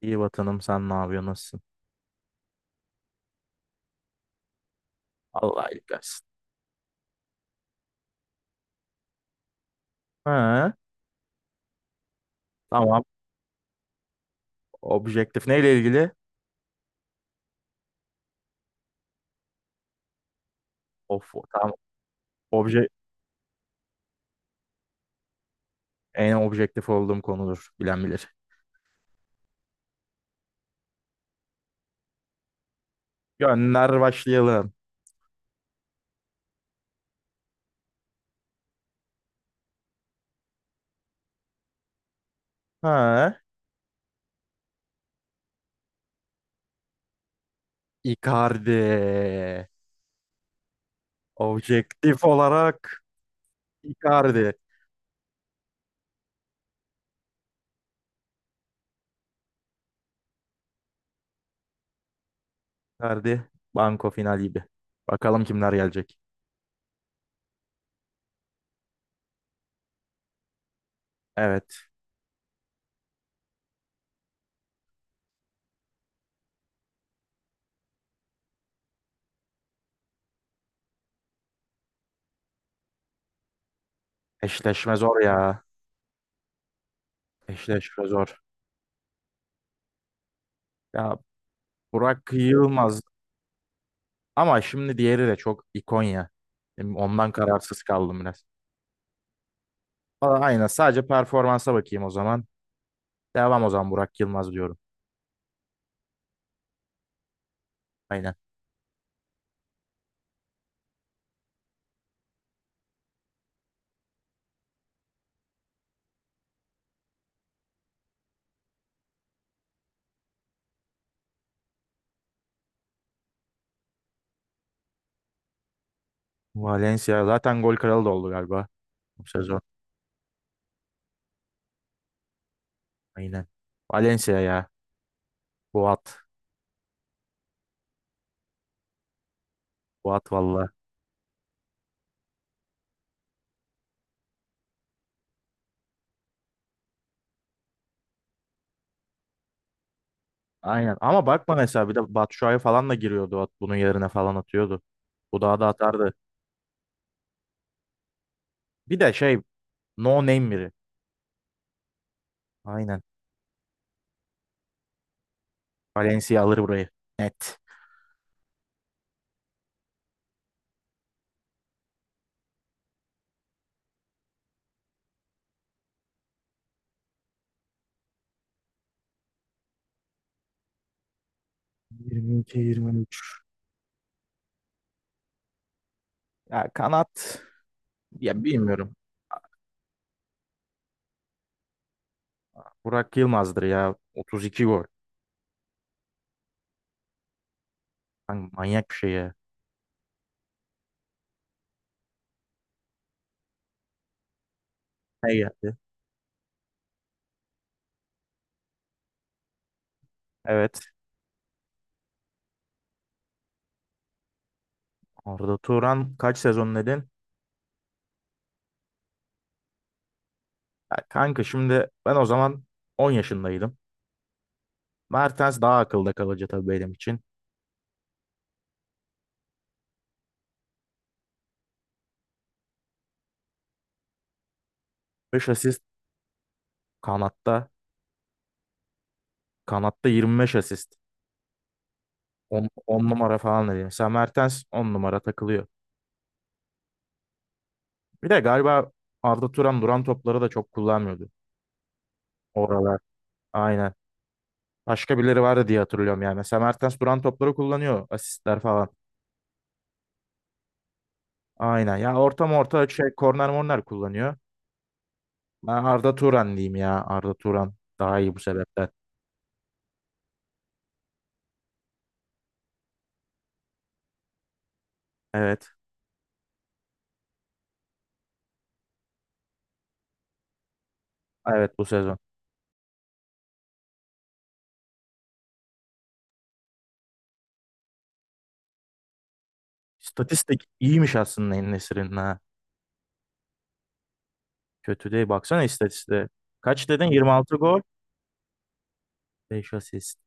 İyi vatanım sen ne yapıyorsun nasılsın? Allah iyilik versin. Ha, tamam. Objektif neyle ilgili? Of, tamam. Obje En objektif olduğum konudur. Bilen bilir. Gönder başlayalım. Ha, Icardi. Objektif olarak Icardi. Icardi banko final gibi. Bakalım kimler gelecek. Evet. Eşleşme zor ya. Eşleşme zor. Ya Burak Yılmaz ama şimdi diğeri de çok ikon ya. Ondan kararsız kaldım biraz. Aa, aynen. Sadece performansa bakayım o zaman. Devam o zaman Burak Yılmaz diyorum. Aynen. Valencia zaten gol kralı da oldu galiba bu sezon. Aynen. Valencia ya. Boat. Boat valla. Aynen. Ama bakma mesela bir de Batshuayi falan da giriyordu. Bunun yerine falan atıyordu. Bu daha da atardı. Bir de şey no name biri. Aynen. Valencia alır burayı. Net. 22-23. Ya kanat ya bilmiyorum. Burak Yılmaz'dır ya. 32 gol. Lan manyak bir şey ya. Ne geldi? Evet. Arda Turan kaç sezon dedin? Ya kanka şimdi ben o zaman 10 yaşındaydım. Mertens daha akılda kalıcı tabii benim için. 5 asist kanatta. Kanatta 25 asist. 10 numara falan dedim. Mesela Mertens 10 numara takılıyor. Bir de galiba Arda Turan duran topları da çok kullanmıyordu. Oralar. Aynen. Başka birileri vardı diye hatırlıyorum yani. Mesela Mertens duran topları kullanıyor. Asistler falan. Aynen. Ya orta orta şey korner morner kullanıyor. Ben Arda Turan diyeyim ya. Arda Turan daha iyi bu sebepten. Evet. Evet, bu sezon. İstatistik iyiymiş aslında en ha. Kötü değil. Baksana istatistiğe. Kaç dedin? 26 gol. 5 asist.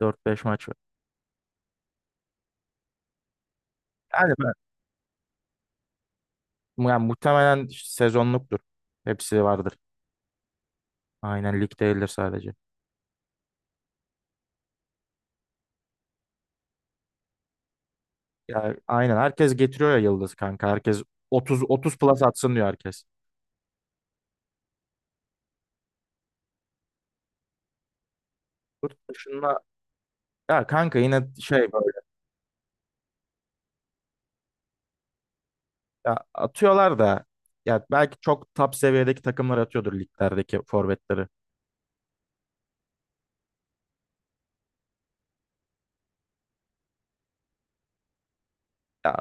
4-5 maç var. Yani ben, yani muhtemelen sezonluktur. Hepsi vardır. Aynen, lig değildir sadece. Ya, aynen herkes getiriyor ya Yıldız kanka. Herkes 30 plus atsın diyor herkes. Yurt dışında ya kanka, yine şey böyle, ya atıyorlar da, ya belki çok top seviyedeki takımlar atıyordur liglerdeki forvetleri. Ya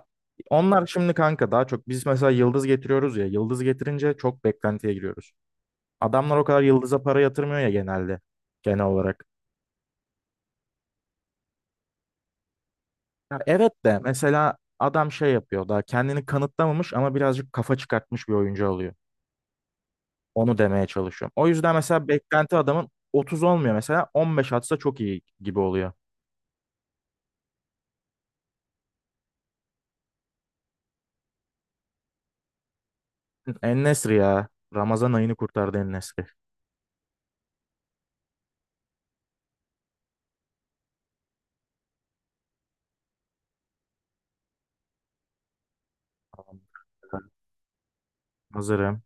onlar şimdi kanka daha çok biz mesela yıldız getiriyoruz ya, yıldız getirince çok beklentiye giriyoruz. Adamlar o kadar yıldıza para yatırmıyor ya, genelde genel olarak. Ya evet de, mesela adam şey yapıyor, daha kendini kanıtlamamış ama birazcık kafa çıkartmış bir oyuncu alıyor. Onu demeye çalışıyorum. O yüzden mesela beklenti adamın 30 olmuyor, mesela 15 atsa çok iyi gibi oluyor. En-Nesyri ya. Ramazan ayını kurtardı En-Nesyri. Tamam. Hazırım.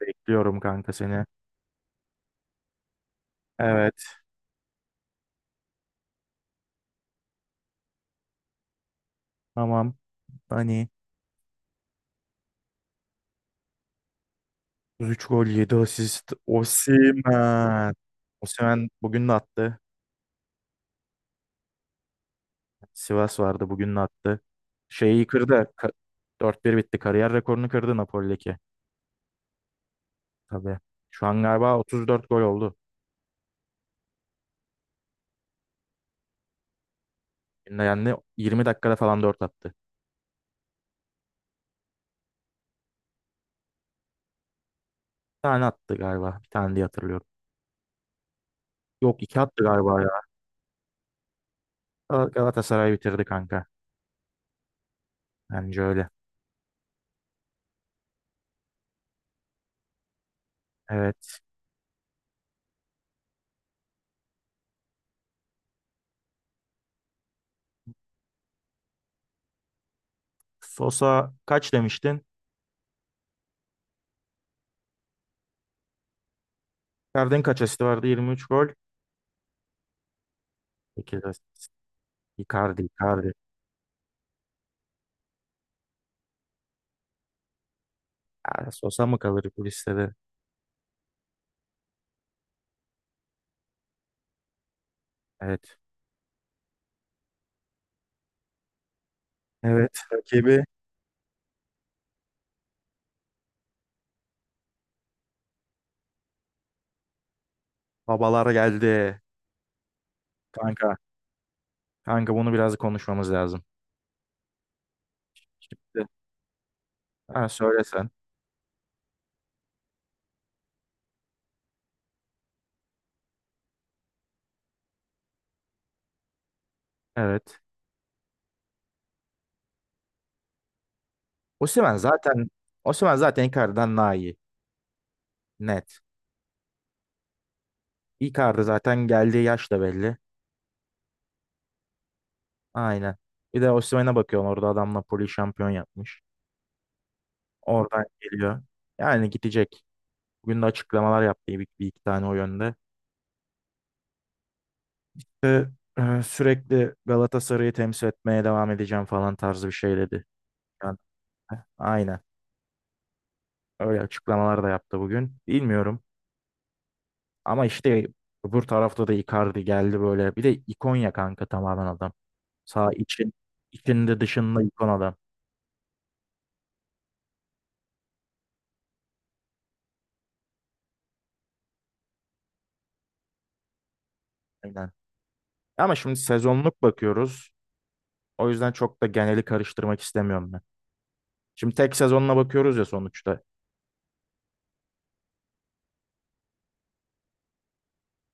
Bekliyorum kanka seni. Evet. Tamam. Hani. 3 gol 7 asist. Osimhen. Osimhen bugün de attı. Sivas vardı, bugün de attı. Şeyi kırdı. 4-1 bitti. Kariyer rekorunu kırdı Napoli'deki. Tabii. Şu an galiba 34 gol oldu. Bugün de yendi. 20 dakikada falan 4 attı. Bir tane attı galiba. Bir tane diye hatırlıyorum. Yok, 2 attı galiba ya. Galatasaray bitirdi kanka. Bence öyle. Evet. Sosa kaç demiştin? Icardi'nin kaç asisti vardı? 23 gol. 8 asist. Icardi, Icardi. Aa, Sosa mı kalır bu listede? Evet. Evet, rakibi. Babalar geldi. Kanka. Kanka bunu biraz konuşmamız lazım. Şimdi. Ha, söylesen. Evet. Osimhen zaten Osimhen zaten Icardi'den daha iyi. Net. Icardi zaten, geldiği yaş da belli. Aynen. Bir de Osimhen'e bakıyorsun, orada adam Napoli şampiyon yapmış. Oradan geliyor. Yani gidecek. Bugün de açıklamalar yaptı, bir iki tane o yönde. Ve sürekli Galatasaray'ı temsil etmeye devam edeceğim falan tarzı bir şey dedi. Aynen. Öyle açıklamalar da yaptı bugün. Bilmiyorum. Ama işte öbür tarafta da Icardi geldi böyle. Bir de ikon ya kanka, tamamen adam. Sağ için, içinde dışında ikon adam. Aynen. Ama şimdi sezonluk bakıyoruz. O yüzden çok da geneli karıştırmak istemiyorum ben. Şimdi tek sezonla bakıyoruz ya sonuçta.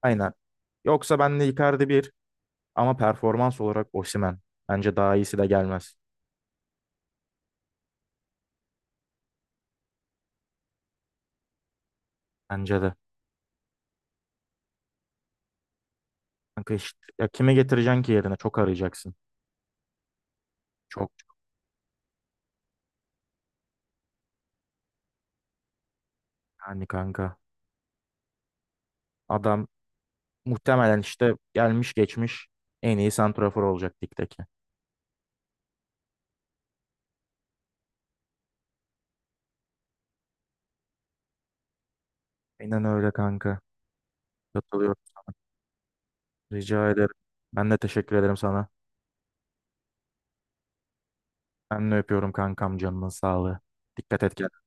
Aynen. Yoksa ben de Icardi, bir ama performans olarak Osimhen. Bence daha iyisi de gelmez. Bence de. Kanka işte, ya kime getireceksin ki yerine? Çok arayacaksın. Çok yani kanka. Adam muhtemelen işte gelmiş geçmiş en iyi santrafor olacak ligdeki. Aynen öyle kanka. Katılıyorum. Rica ederim. Ben de teşekkür ederim sana. Ben de öpüyorum kankam, canının sağlığı. Dikkat et kendine.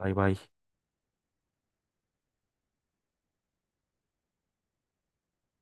Bay bay.